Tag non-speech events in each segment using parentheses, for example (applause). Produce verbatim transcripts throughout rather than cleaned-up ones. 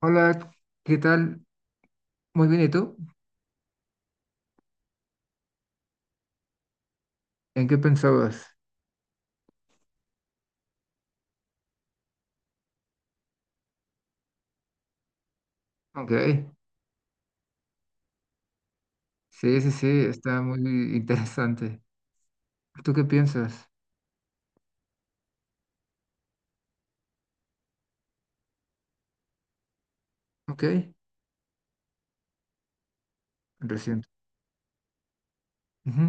Hola, ¿qué tal? Muy bien, ¿y tú? ¿En qué pensabas? Ok, sí, sí, sí, está muy interesante. ¿Tú qué piensas? Ok, reciente. Ujú,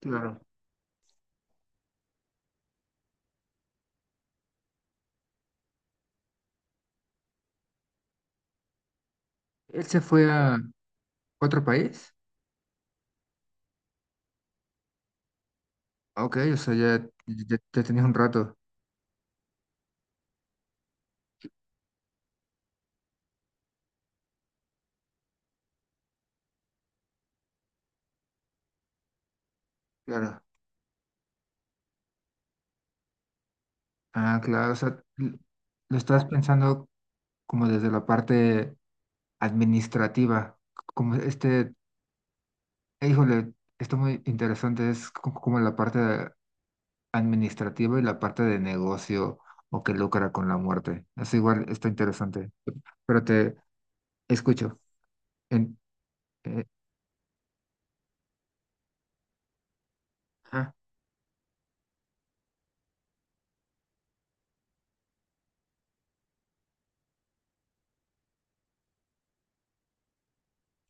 claro. ¿Él se fue a otro país? Ok, o sea, ya, ya, ya tenías un rato. Claro. Ah, claro, o sea, l- lo estás pensando como desde la parte administrativa, como este, eh, híjole, está muy interesante, es co- como la parte administrativa y la parte de negocio o que lucra con la muerte. Eso igual está interesante. Pero te escucho. En, eh, ah,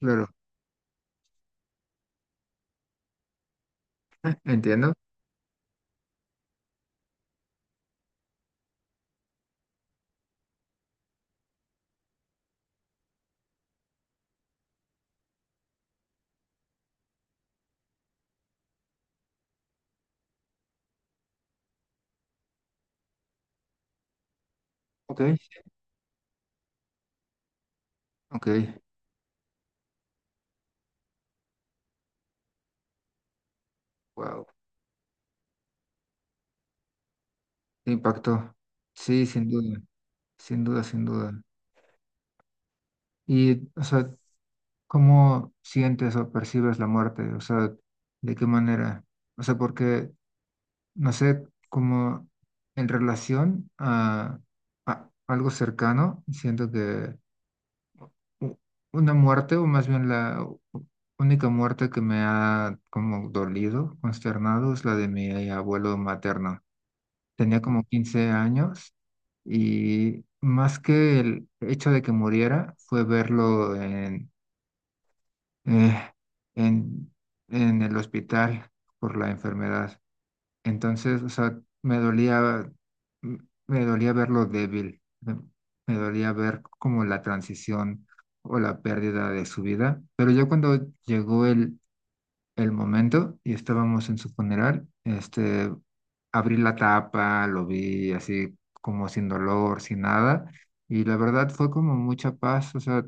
claro, entiendo. Ok, ok, wow, qué impacto. Sí, sin duda, sin duda, sin duda. Y, o sea, ¿cómo sientes o percibes la muerte? O sea, ¿de qué manera? O sea, porque, no sé, como en relación a, a algo cercano, siento que u- una muerte, o más bien la u- única muerte que me ha como dolido, consternado, es la de mi eh, abuelo materno. Tenía como quince años y más que el hecho de que muriera, fue verlo en, eh, en, en el hospital por la enfermedad. Entonces, o sea, me dolía, m- me dolía verlo débil, me, me dolía ver como la transición o la pérdida de su vida. Pero ya cuando llegó el, el momento y estábamos en su funeral, este, abrí la tapa, lo vi así como sin dolor, sin nada, y la verdad fue como mucha paz, o sea,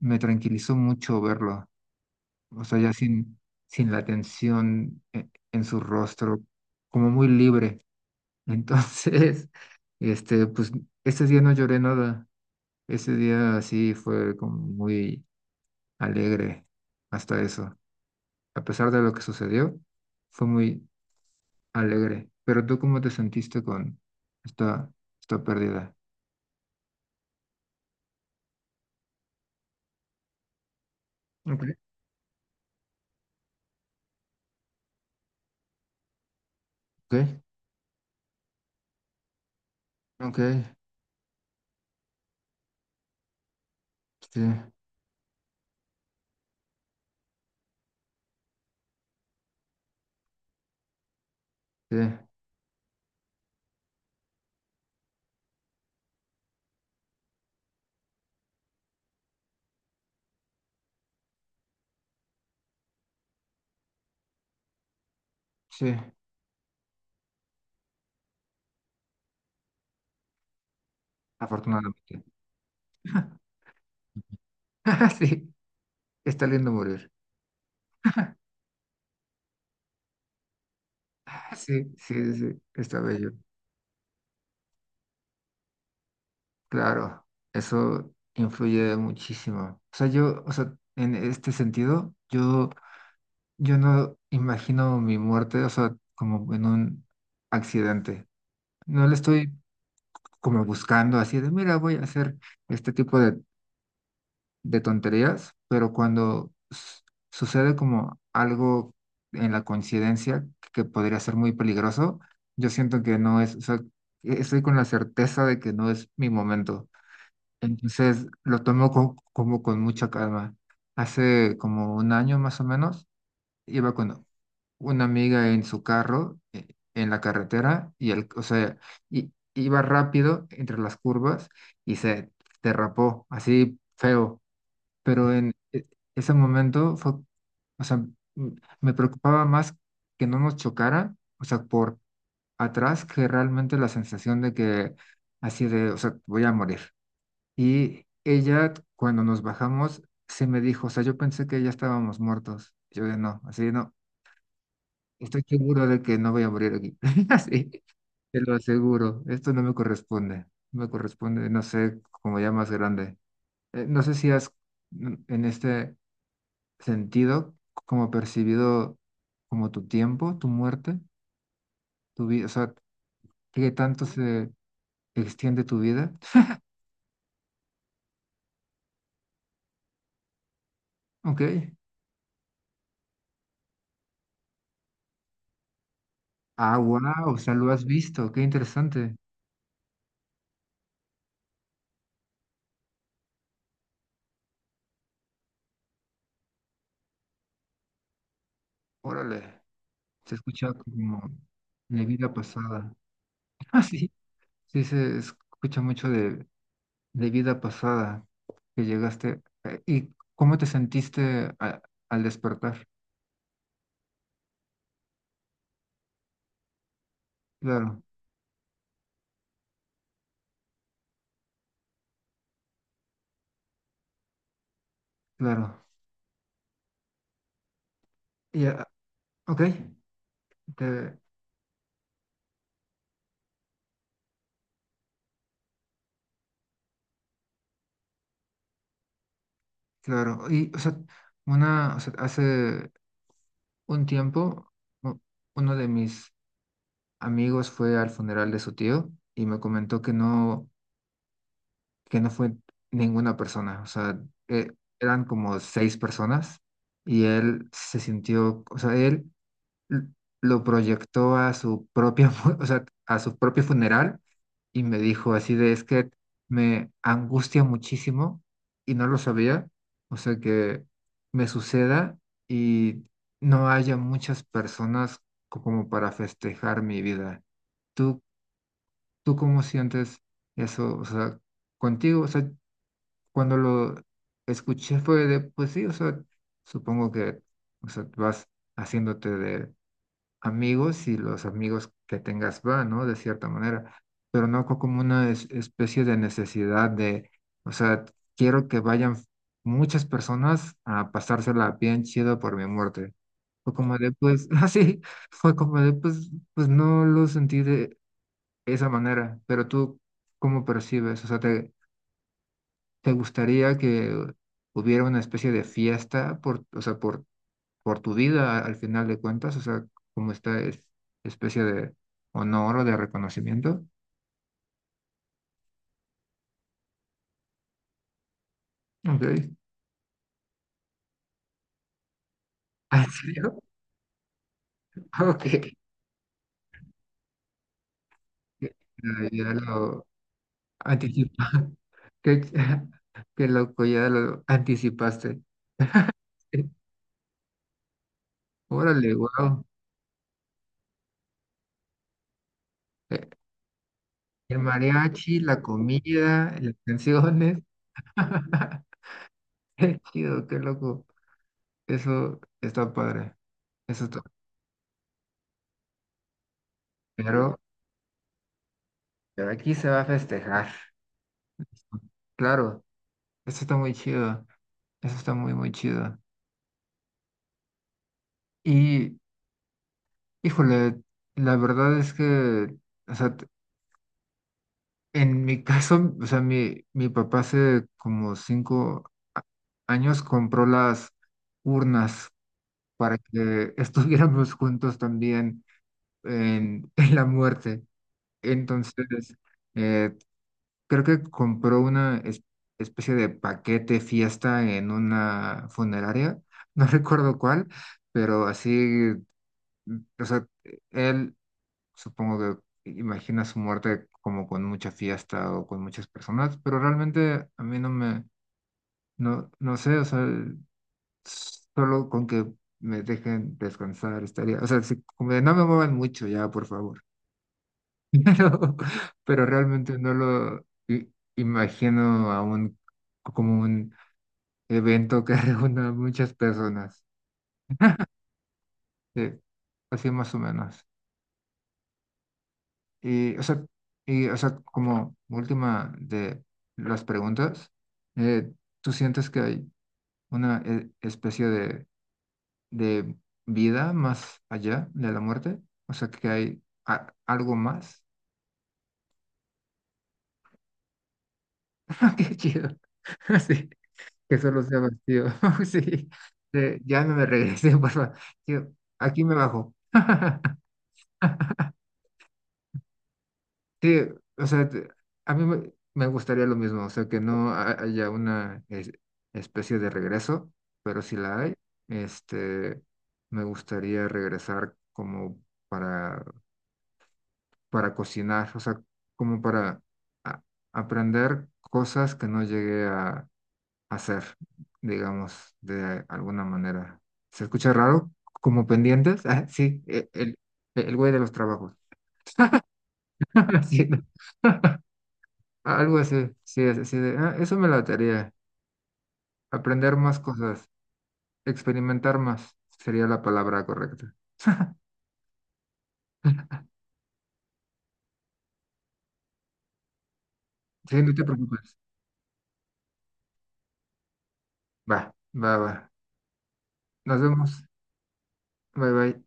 me tranquilizó mucho verlo, o sea, ya sin, sin la tensión e- en su rostro, como muy libre. Entonces, (laughs) este, pues ese día no lloré nada. Ese día sí fue como muy alegre hasta eso. A pesar de lo que sucedió, fue muy alegre. Pero tú, ¿cómo te sentiste con esta, esta pérdida? Ok, ok, ok, sí, sí, sí, afortunadamente. (laughs) (laughs) Sí, está lindo morir. (laughs) Sí, sí, sí, está bello. Claro, eso influye muchísimo. O sea, yo, o sea, en este sentido, yo, yo no imagino mi muerte, o sea, como en un accidente. No le estoy como buscando así de, mira, voy a hacer este tipo de, de tonterías, pero cuando s- sucede como algo en la coincidencia que podría ser muy peligroso, yo siento que no es, o sea, estoy con la certeza de que no es mi momento. Entonces lo tomo co- como con mucha calma. Hace como un año más o menos, iba con una amiga en su carro, eh, en la carretera, y el, o sea, i- iba rápido entre las curvas y se derrapó, así feo. Pero en e- ese momento fue, o sea, m- me preocupaba más que no nos chocara, o sea, por atrás, que realmente la sensación de que así de, o sea, voy a morir. Y ella, cuando nos bajamos, se me dijo, o sea, yo pensé que ya estábamos muertos. Yo de no, así de, no, estoy seguro de que no voy a morir aquí. (laughs) Así, te lo aseguro, esto no me corresponde. No me corresponde, no sé, como ya más grande. Eh, no sé si has, mm, en este sentido, como percibido como tu tiempo, tu muerte, tu vida, o sea, qué tanto se extiende tu vida. Ok. Ah, wow, o sea, lo has visto, qué interesante. Órale. Se escucha como de vida pasada. (laughs) Ah, sí. Sí, se escucha mucho de, de vida pasada que llegaste. eh, ¿Y cómo te sentiste a- al despertar? Claro, claro. Y, ah, ok, te- claro. Y, o sea, una, o sea, hace un tiempo, u- uno de mis amigos fue al funeral de su tío y me comentó que no que no fue ninguna persona, o sea, eh, eran como seis personas y él se sintió, o sea, él l- lo proyectó a su propia, fu- (laughs) o sea, a su propio funeral y me dijo así de, es que me angustia muchísimo y no lo sabía, o sea, que me suceda y no haya muchas personas co- como para festejar mi vida. ¿Tú, tú cómo sientes eso? O sea, contigo, o sea, cuando lo escuché fue de, pues sí, o sea, supongo que, o sea, vas haciéndote de amigos y los amigos que tengas van, ¿no? De cierta manera, pero no co- como una es- especie de necesidad de, o sea, quiero que vayan muchas personas a pasársela bien chido por mi muerte. Fue como de, pues, (laughs) así, fue como de, pues, pues no lo sentí de esa manera, pero tú, ¿cómo percibes? O sea, ¿te gustaría que hubiera una especie de fiesta por, o sea, por, por tu vida a- al final de cuentas? O sea, como esta es- especie de honor o de reconocimiento. Ok. (laughs) ¿En serio? Ok. Ya, ya lo anticipa. (laughs) Qué, (laughs) qué loco, ya lo anticipaste. (laughs) Órale, wow. El mariachi, la comida, las canciones. (laughs) Qué chido, qué loco. Eso está padre. Eso está. Pero, pero aquí se va a festejar. Claro, eso está muy chido. Eso está muy, muy chido. Y, híjole, la verdad es que, o sea, t- en mi caso, o sea, mi, mi papá hace como cinco a- años compró las urnas para que (laughs) estuviéramos juntos también en, en la muerte. Entonces, eh, creo que compró una es- especie de paquete fiesta en una funeraria, (laughs) no recuerdo cuál, pero así, mm, o sea, él supongo que imagina su muerte como con mucha fiesta o con muchas personas, pero realmente a mí no me, no, no sé, o sea, solo con que me dejen descansar estaría, o sea, si- como de no me muevan mucho ya, por favor. Pero, (laughs) pero realmente no lo i- imagino a un, como un evento que (laughs) reúna a muchas personas, eh, así más o menos. Y, o sea, y, o sea, como última de las preguntas, eh, ¿tú sientes que hay una eh, especie de, de vida más allá de la muerte? O sea, que hay a- algo más. (laughs) Qué chido. (laughs) Sí, que solo sea vacío. (laughs) Sí, eh, ya no me regresé, (laughs) por favor. Yo, aquí me bajo. (laughs) Sí, o sea, te- a mí me me gustaría lo mismo, o sea, que no ha- haya una es- especie de regreso, pero si la hay, este, me gustaría regresar como para, para, cocinar, o sea, como para a- aprender cosas que no llegué a, hacer, digamos, de alguna manera. ¿Se escucha raro? ¿Como pendientes? Ah, sí, e- el, el güey de los trabajos. (laughs) Sí, no. (laughs) Algo así, sí, es así de, "Ah, eso me lataría. Aprender más cosas, experimentar más, sería la palabra correcta." (laughs) Sí, no te preocupes. Va, va, va. Nos vemos. Bye, bye.